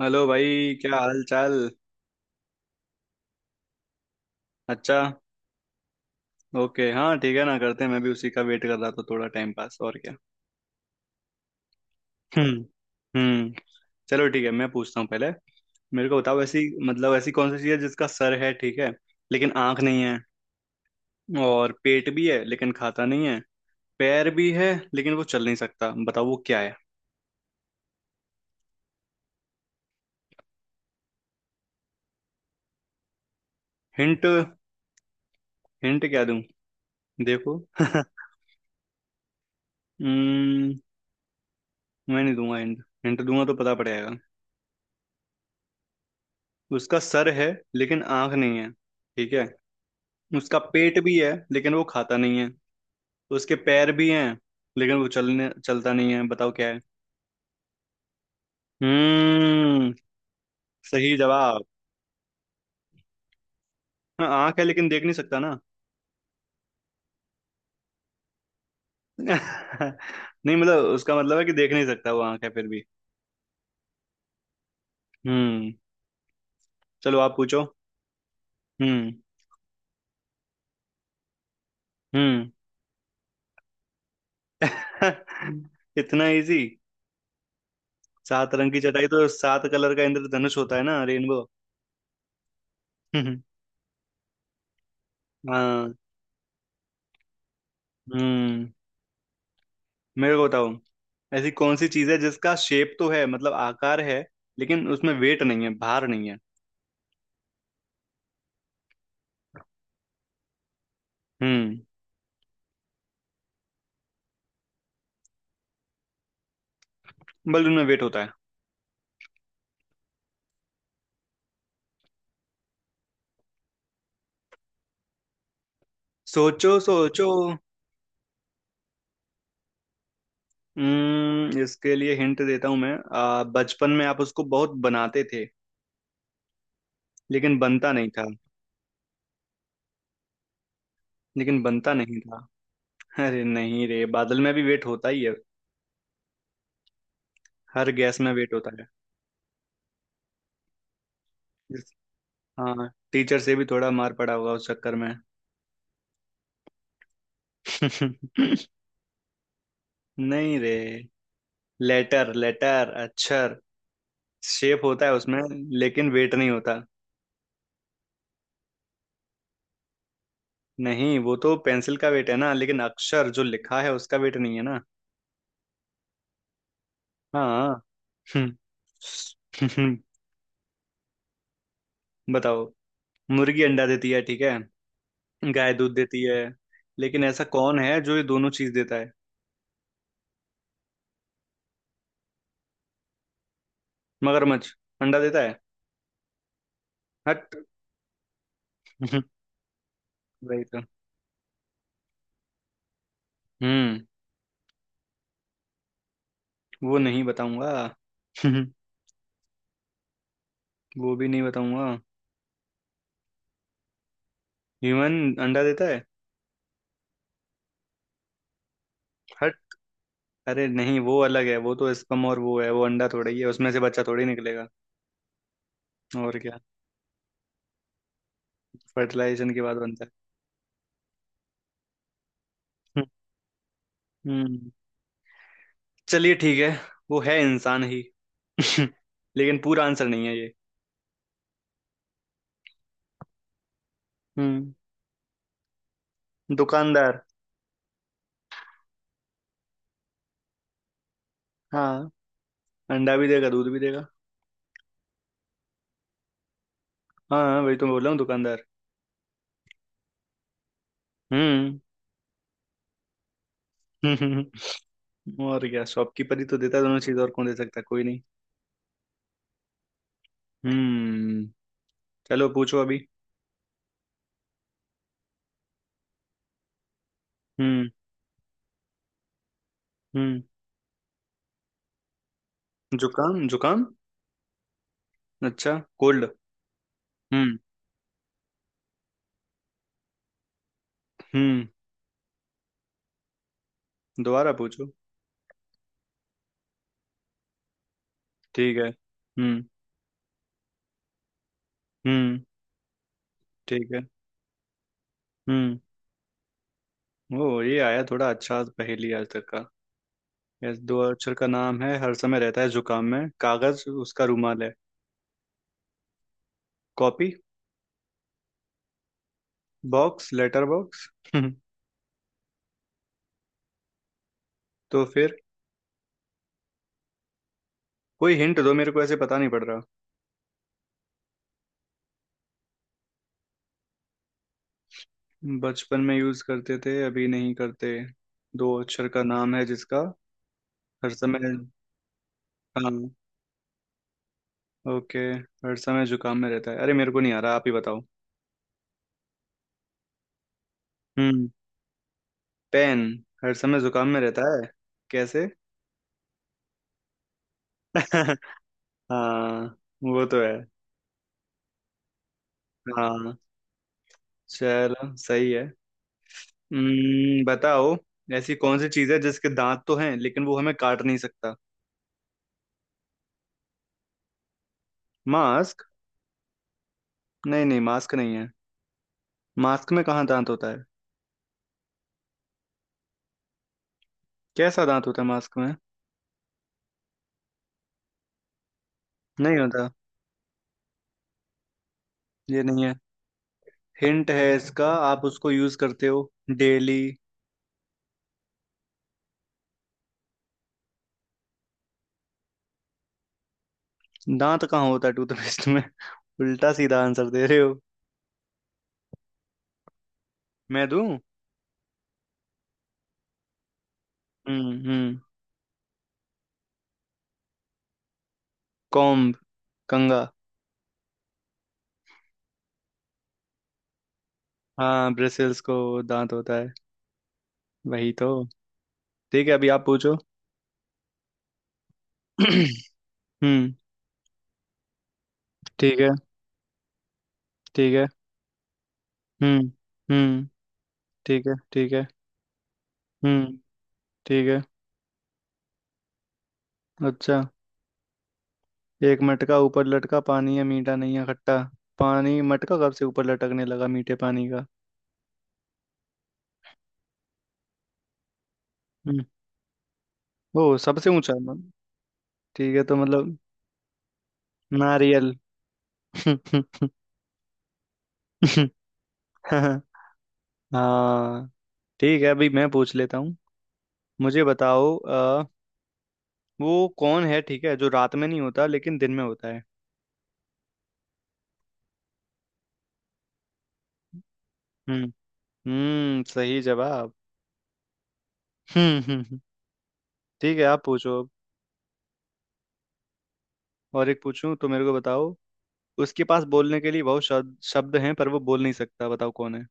Hello भाई, क्या हाल चाल? अच्छा। ओके, हाँ ठीक है ना करते हैं, मैं भी उसी का वेट कर रहा था, थोड़ा टाइम पास और क्या। हम्म, हम्म। चलो ठीक है, मैं पूछता हूँ पहले। मेरे को बताओ ऐसी मतलब ऐसी कौन सी चीज़ है जिसका सर है, ठीक है, लेकिन आंख नहीं है। और पेट भी है लेकिन खाता नहीं है। पैर भी है लेकिन वो चल नहीं सकता, बताओ वो क्या है? हिंट? हिंट क्या दूं? देखो हम्म। मैं नहीं दूंगा हिंट, हिंट दूंगा तो पता पड़ जाएगा। उसका सर है लेकिन आंख नहीं है, ठीक है। उसका पेट भी है लेकिन वो खाता नहीं है। उसके पैर भी हैं लेकिन वो चलने चलता नहीं है, बताओ क्या है? हम्म। सही जवाब। हाँ आंख है लेकिन देख नहीं सकता ना नहीं, मतलब उसका मतलब है कि देख नहीं सकता, वो आंख है फिर भी। हम्म। चलो आप पूछो। हम्म, हम्म। इतना इजी। सात रंग की चटाई तो सात कलर का इंद्रधनुष होता है ना, रेनबो। हाँ। हम्म। मेरे को बताओ, ऐसी कौन सी चीज है जिसका शेप तो है, मतलब आकार है, लेकिन उसमें वेट नहीं है, भार नहीं है। हम्म। बल्कि उनमें वेट होता है। सोचो सोचो। हम्म, इसके लिए हिंट देता हूं मैं। बचपन में आप उसको बहुत बनाते थे लेकिन बनता नहीं था। लेकिन बनता नहीं था। अरे नहीं रे, बादल में भी वेट होता ही है। हर गैस में वेट होता है। जिस- हाँ, टीचर से भी थोड़ा मार पड़ा होगा उस चक्कर में नहीं रे। लेटर लेटर अक्षर, शेप होता है उसमें लेकिन वेट नहीं होता। नहीं, वो तो पेंसिल का वेट है ना, लेकिन अक्षर जो लिखा है उसका वेट नहीं है ना। हाँ। हम्म, हम्म। बताओ। मुर्गी अंडा देती है, ठीक है। गाय दूध देती है। लेकिन ऐसा कौन है जो ये दोनों चीज देता है? मगरमच्छ अंडा देता है? हट। हम्म, वही तो। हम्म। वो नहीं बताऊंगा। हम्म, वो भी नहीं बताऊंगा। ह्यूमन अंडा देता है? हट। अरे नहीं, वो अलग है, वो तो स्पर्म और वो है, वो अंडा थोड़ा ही है, उसमें से बच्चा थोड़ी निकलेगा। और क्या। फर्टिलाइजेशन के बाद बनता है। हम्म। चलिए ठीक है। वो है इंसान ही लेकिन पूरा आंसर नहीं है ये। हम्म। दुकानदार। हाँ, अंडा भी देगा दूध भी देगा। हाँ हाँ, वही तो मैं बोल रहा हूँ, दुकानदार। हम्म। और क्या, शॉपकीपर ही तो देता है दोनों चीज, और कौन दे सकता है, कोई नहीं। हम्म। चलो पूछो अभी। हम्म, हम्म। जुकाम? जुकाम? अच्छा, कोल्ड। हम्म। हम्म। दोबारा पूछो। ठीक है, हम्म। हम्म। ठीक है। हम्म। ओ, ये आया थोड़ा अच्छा पहेली आज तक का। यस, दो अक्षर का नाम है, हर समय रहता है जुकाम में, कागज उसका रूमाल है। कॉपी? Box, letter box? तो फिर? कोई हिंट दो मेरे को, ऐसे पता नहीं पड़ रहा। बचपन में यूज करते थे अभी नहीं करते? दो अक्षर का नाम है जिसका? हर समय। हाँ। ओके। हर समय जुकाम में रहता है, अरे मेरे को नहीं आ रहा, आप ही बताओ। हम्म। पेन। हर समय जुकाम में रहता है, कैसे? हाँ। वो तो है। हाँ, चलो सही है। हम्म, बताओ। ऐसी कौन सी चीज है जिसके दांत तो हैं लेकिन वो हमें काट नहीं सकता? मास्क? नहीं नहीं, मास्क नहीं है। मास्क में कहाँ दांत होता है? कैसा दांत होता है मास्क में? नहीं होता। ये नहीं है। हिंट है इसका, आप उसको यूज करते हो डेली। दांत कहाँ होता है टूथपेस्ट में? उल्टा सीधा आंसर दे रहे हो। मैं दूं? हम्म, हम्म। कॉम्ब, कंघा। हाँ, ब्रिसल्स को दांत होता है, वही तो। ठीक है अभी आप पूछो। हम्म। ठीक है, ठीक है। हम्म, हम्म। ठीक है, ठीक है। हम्म। ठीक है। अच्छा, एक मटका ऊपर लटका, पानी है मीठा नहीं है खट्टा। पानी मटका कब से ऊपर लटकने लगा मीठे पानी का? हम्म। ओ, ठीक है तो मतलब, नारियल हाँ। ठीक है अभी मैं पूछ लेता हूँ। मुझे बताओ वो कौन है, ठीक है, जो रात में नहीं होता लेकिन दिन में होता है? हम्म। हम्म, सही जवाब। हम्म, ठीक है आप पूछो अब। और एक पूछूं? तो मेरे को बताओ, उसके पास बोलने के लिए बहुत शब्द शब्द हैं पर वो बोल नहीं सकता, बताओ कौन है?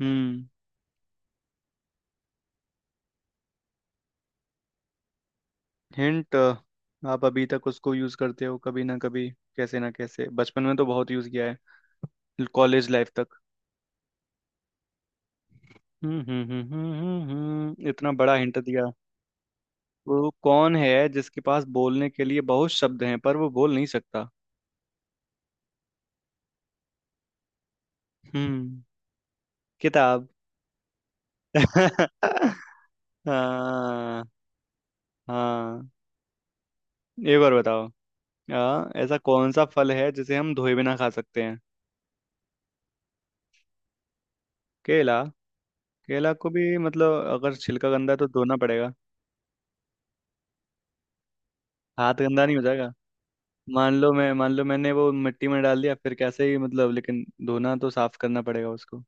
हम्म। हिंट? आप अभी तक उसको यूज करते हो कभी ना कभी, कैसे ना कैसे। बचपन में तो बहुत यूज किया है कॉलेज लाइफ तक। हम्म, हम्म, हम्म, हम्म। इतना बड़ा हिंट दिया। वो कौन है जिसके पास बोलने के लिए बहुत शब्द हैं पर वो बोल नहीं सकता? हम्म। किताब। हाँ। हाँ, एक बार बताओ। हाँ, ऐसा कौन सा फल है जिसे हम धोए बिना खा सकते हैं? केला? केला को भी, मतलब, अगर छिलका गंदा है तो धोना पड़ेगा, हाथ गंदा नहीं हो जाएगा? मान लो मैंने वो मिट्टी में डाल दिया फिर, कैसे ही मतलब, लेकिन धोना तो साफ करना पड़ेगा उसको।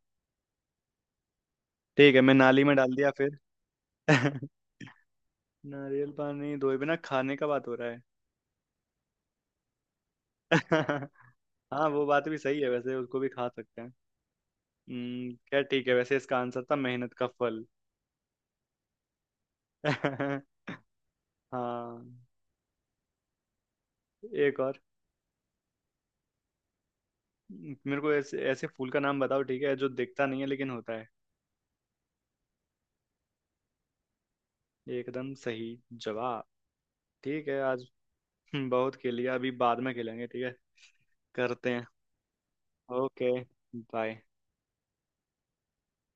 ठीक है, मैं नाली में डाल दिया फिर। नारियल पानी धोए बिना खाने का बात हो रहा है? हाँ वो बात भी सही है, वैसे उसको भी खा सकते हैं। हम्म, क्या? ठीक है, वैसे इसका आंसर था मेहनत का फल। हाँ। एक और। मेरे को ऐसे ऐसे फूल का नाम बताओ, ठीक है, जो दिखता नहीं है लेकिन होता है। एकदम सही जवाब। ठीक है, आज बहुत खेल लिया, अभी बाद में खेलेंगे, ठीक है, करते हैं। ओके। बाय।